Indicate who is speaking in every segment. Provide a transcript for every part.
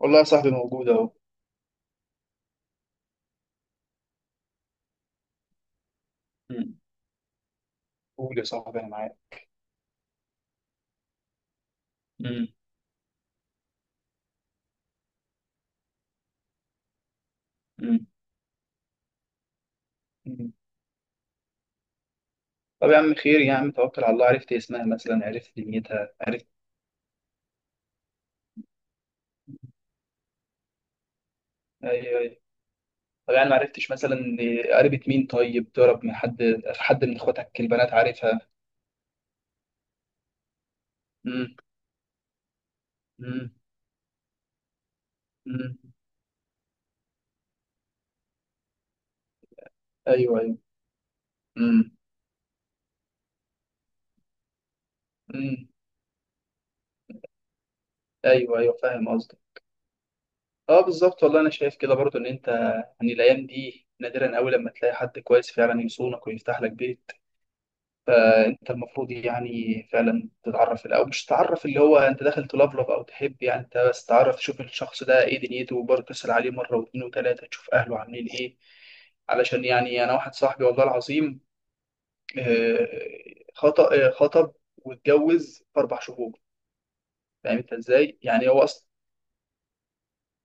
Speaker 1: والله يا صاحبي موجود اهو. مم. قول يا صاحبي انا معاك. مم. مم. مم. طب يا عم، خير يا عم، توكل على الله. عرفت اسمها مثلا؟ عرفت دنيتها؟ عرفت؟ ايوه ايوه. طب يعني ما عرفتش مثلا قريبة مين؟ طيب ضرب من حد من اخواتك البنات عارفها؟ مم. مم. مم. ايوه ايوه. مم. مم. ايوه ايوه، فاهم قصدك. اه بالظبط، والله انا شايف كده برضو ان انت يعني الايام دي نادرا قوي لما تلاقي حد كويس فعلا يصونك ويفتح لك بيت. فانت المفروض يعني فعلا تتعرف، او مش تتعرف اللي هو انت داخل تلفلف او تحب، يعني انت بس تعرف تشوف الشخص ده ايه دنيته، وبرضه تسأل عليه مره واثنين وثلاثه، تشوف اهله عاملين ايه. علشان يعني انا واحد صاحبي والله العظيم آه، خطأ آه، خطب واتجوز في اربع شهور. فاهم انت ازاي؟ يعني هو اصلا،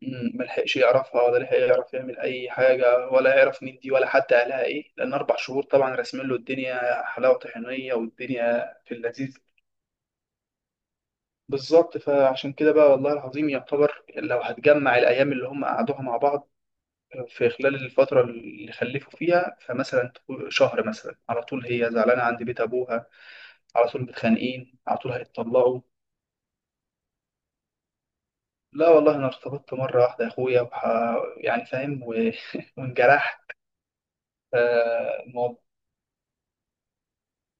Speaker 1: مم، ما لحقش يعرفها ولا لحق يعرف يعمل اي حاجه، ولا يعرف مين دي ولا حتى اهلها ايه، لان اربع شهور طبعا راسمين له الدنيا حلاوه طحينيه والدنيا في اللذيذ. بالظبط، فعشان كده بقى والله العظيم، يعتبر لو هتجمع الأيام اللي هم قعدوها مع بعض في خلال الفترة اللي خلفوا فيها، فمثلا تقول شهر مثلا، على طول هي زعلانة عند بيت أبوها، على طول متخانقين، على طول هيتطلقوا. لا والله أنا ارتبطت مرة واحدة يا أخويا، يعني فاهم وانجرحت الموضوع.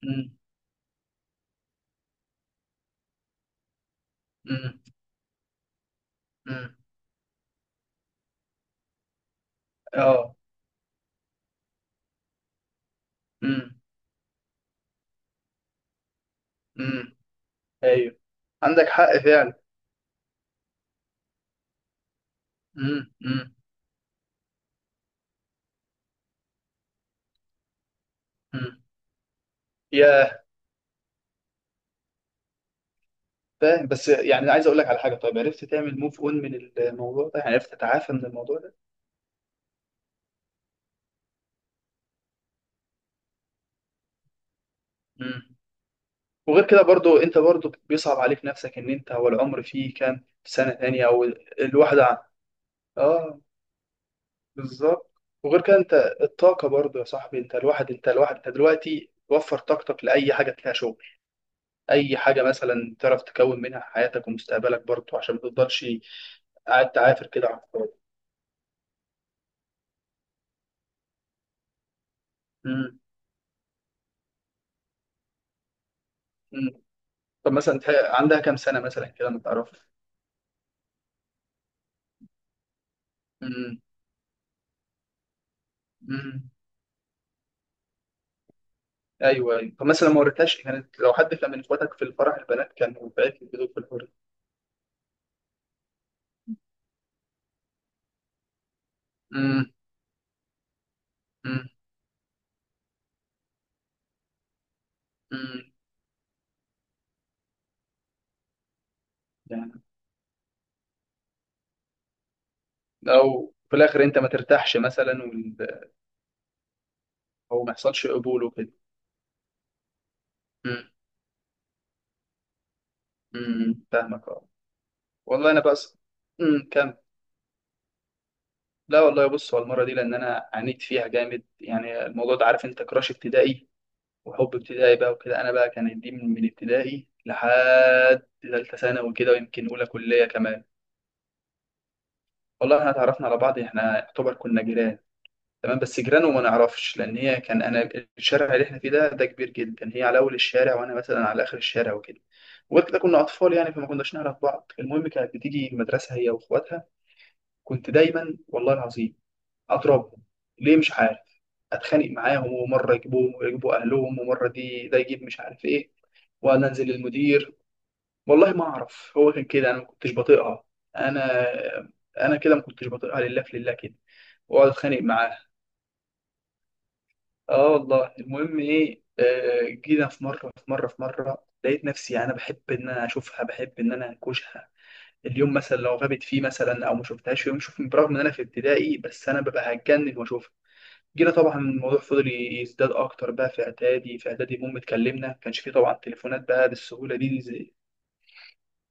Speaker 1: مم، مم، مم. اه. مم، مم. أيوه، عندك حق فعلا. مم، مم، مم. يا فاهم، بس يعني عايز اقول لك على حاجه. طيب عرفت تعمل موف اون من الموضوع ده؟ يعني عرفت تتعافى من الموضوع ده؟ امم. وغير كده برضو انت، برضو بيصعب عليك نفسك ان انت هو العمر فيه كام سنه تانية، او الواحده ع- اه بالظبط. وغير كده انت الطاقه برضو يا صاحبي، انت الواحد انت دلوقتي وفر طاقتك لاي حاجه فيها شغل، اي حاجه مثلا تعرف تكون منها حياتك ومستقبلك برضو، عشان ما تفضلش قاعد تعافر كده على الفاضي. امم. امم. طب مثلا عندها كام سنه مثلا كده ما تعرفش؟ امم. ايوه ايوه. فمثلا ما وريتهاش كانت، لو حد كان من اخواتك في الفرح البنات كانوا بعت لي فيديو في الحر. امم. امم. امم. يعني لو في الاخر انت ما ترتاحش مثلا او ما يحصلش قبول وكده. امم. امم، فاهمك. اه. والله انا بس. كم. لا والله، بص هو المره دي، لان انا عانيت فيها جامد يعني الموضوع ده، عارف انت كراش ابتدائي وحب ابتدائي بقى وكده. انا بقى كانت دي من ابتدائي لحد ثالثه ثانوي كده، ويمكن اولى كليه كمان. والله احنا اتعرفنا على بعض، احنا يعتبر كنا جيران. تمام بس جيران وما نعرفش، لان هي كان انا الشارع اللي احنا فيه ده كبير جدا، هي على اول الشارع وانا مثلا على اخر الشارع وكده. وغير كده كنا اطفال يعني، فما كناش نعرف بعض. المهم كانت بتيجي المدرسه هي واخواتها، كنت دايما والله العظيم اضربهم، ليه مش عارف. اتخانق معاهم ومره يجيبوهم ويجيبوا اهلهم، ومره دي ده يجيب مش عارف ايه، وانا انزل للمدير. والله ما اعرف، هو كان كده انا ما كنتش بطيقها. انا انا كده ما كنتش بطيقها، لله في لله كده. واقعد اتخانق معاها. اه والله. المهم ايه، جينا في مره، لقيت نفسي انا بحب ان انا اشوفها، بحب ان انا انكشها. اليوم مثلا لو غابت فيه مثلا او ما شفتهاش في يوم، شوف برغم ان انا في ابتدائي بس انا ببقى هتجنن واشوفها. جينا طبعا الموضوع فضل يزداد اكتر بقى في اعدادي، المهم اتكلمنا. ما كانش فيه طبعا تليفونات بقى بالسهوله دي زي.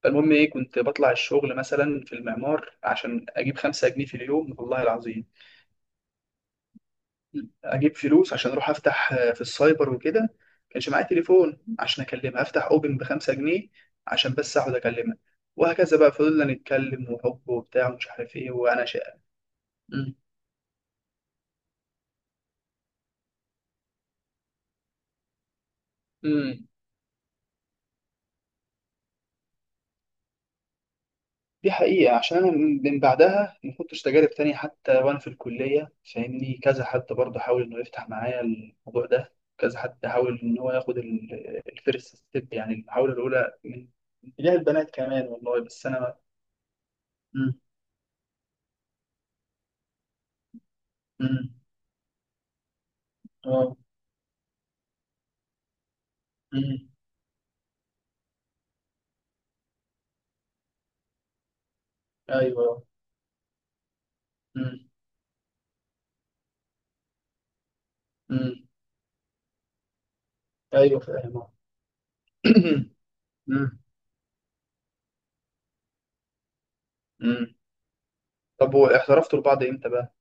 Speaker 1: فالمهم ايه، كنت بطلع الشغل مثلا في المعمار عشان اجيب خمسة جنيه في اليوم والله العظيم، اجيب فلوس عشان اروح افتح في السايبر وكده، كانش معايا تليفون عشان اكلمها. افتح اوبن بخمسة جنيه عشان بس اقعد اكلمها. وهكذا بقى، فضلنا نتكلم وحب وبتاع ومش عارف ايه وانا شقه. امم. أمم. دي حقيقة، عشان أنا من بعدها ما كنتش تجارب تانية. حتى وأنا في الكلية فاهمني، كذا حد برضه حاول إنه يفتح معايا الموضوع ده، كذا حد حاول إن هو ياخد الفيرست ستيب، يعني المحاولة الأولى من اتجاه البنات كمان، والله بس أنا أمم. أمم. اه. مم. ايوه. مم. مم. ايوه فاهم. مم. مم. طب واحترفتوا لبعض امتى بقى؟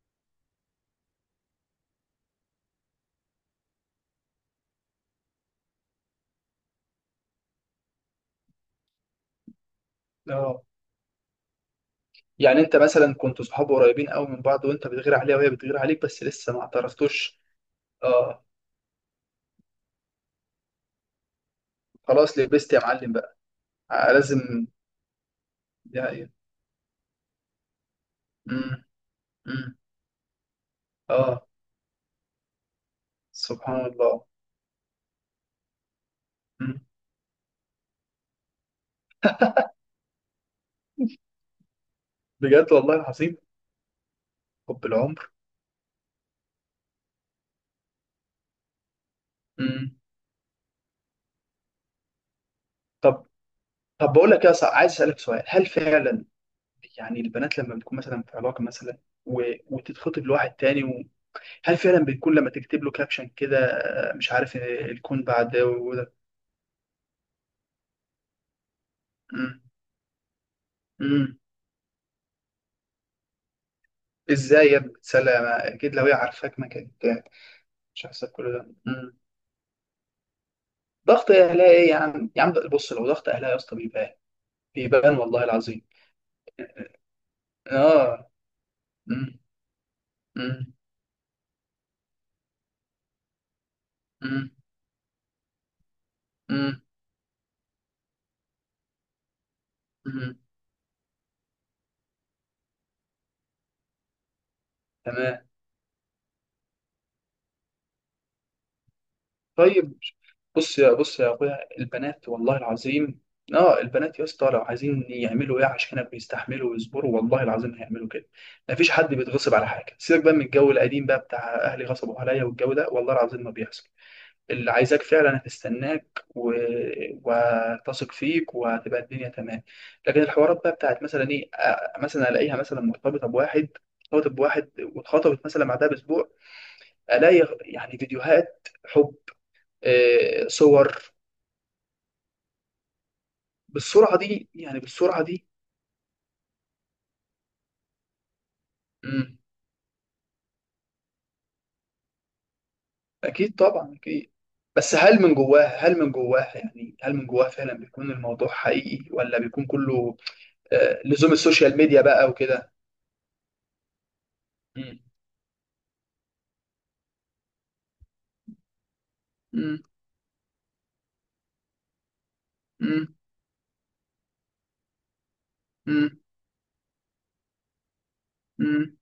Speaker 1: اه. يعني انت مثلا كنت صحاب قريبين قوي من بعض، وانت بتغير عليها وهي بتغير عليك بس لسه ما اعترفتوش. اه. خلاص لبست يا معلم بقى. لازم، دي حقيقة. مم. مم. اه. سبحان الله. مم. بجد والله العظيم، حب العمر. مم. طب طب بقول لك يا صاحبي، عايز اسالك سؤال. هل فعلا يعني البنات لما بتكون مثلا في علاقة مثلا، و... وتتخطب لواحد تاني و... هل فعلا بتكون لما تكتب له كابشن كده مش عارف الكون بعد وده؟ مم. مم. ازاي يا ابني؟ تسلم، اكيد لو هي عارفاك ما كانت مش هحسب كل ده. مم. ضغط اهلها ايه يا عم، بص لو ضغط اهلها يا اسطى بيبان، بيبان والله العظيم. اه. مم. مم. مم. مم. مم. تمام. طيب بص يا اخويا، البنات والله العظيم، اه البنات يا اسطى لو عايزين يعملوا ايه عشانك بيستحملوا ويصبروا، والله العظيم هيعملوا كده. مفيش حد بيتغصب على حاجه. سيبك بقى من الجو القديم بقى بتاع اهلي غصبوا عليا والجو ده، والله العظيم ما بيحصل. اللي عايزاك فعلا هتستناك و... وهتثق فيك وهتبقى الدنيا تمام. لكن الحوارات بقى بتاعت مثلا ايه مثلا الاقيها مثلا مرتبطه بواحد، ارتبطت بواحد واتخطبت مثلا بعدها باسبوع، الاقي يعني فيديوهات حب صور. بالسرعه دي يعني، بالسرعه دي؟ مم. اكيد طبعا، اكيد. بس هل من جواها يعني، هل من جواها فعلا بيكون الموضوع حقيقي، ولا بيكون كله لزوم السوشيال ميديا بقى وكده؟ مم. مم. مم. مم. مم.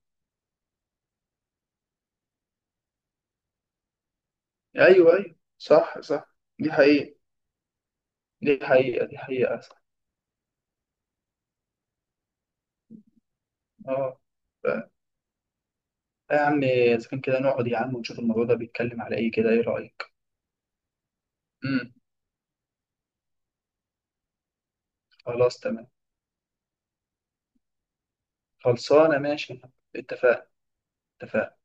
Speaker 1: ايوه ايوه، صح صح، دي حقيقة. دي حقيقة صح. اه. ف- يا عم اذا كان كده نقعد يا عم ونشوف الموضوع ده بيتكلم على ايه كده. ايه رأيك؟ مم. خلاص تمام، خلصانة ماشي، اتفقنا. اتفقنا،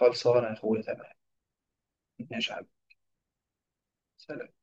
Speaker 1: خلصانة يا أخويا، تمام. ماشي يا حبيبي، سلام.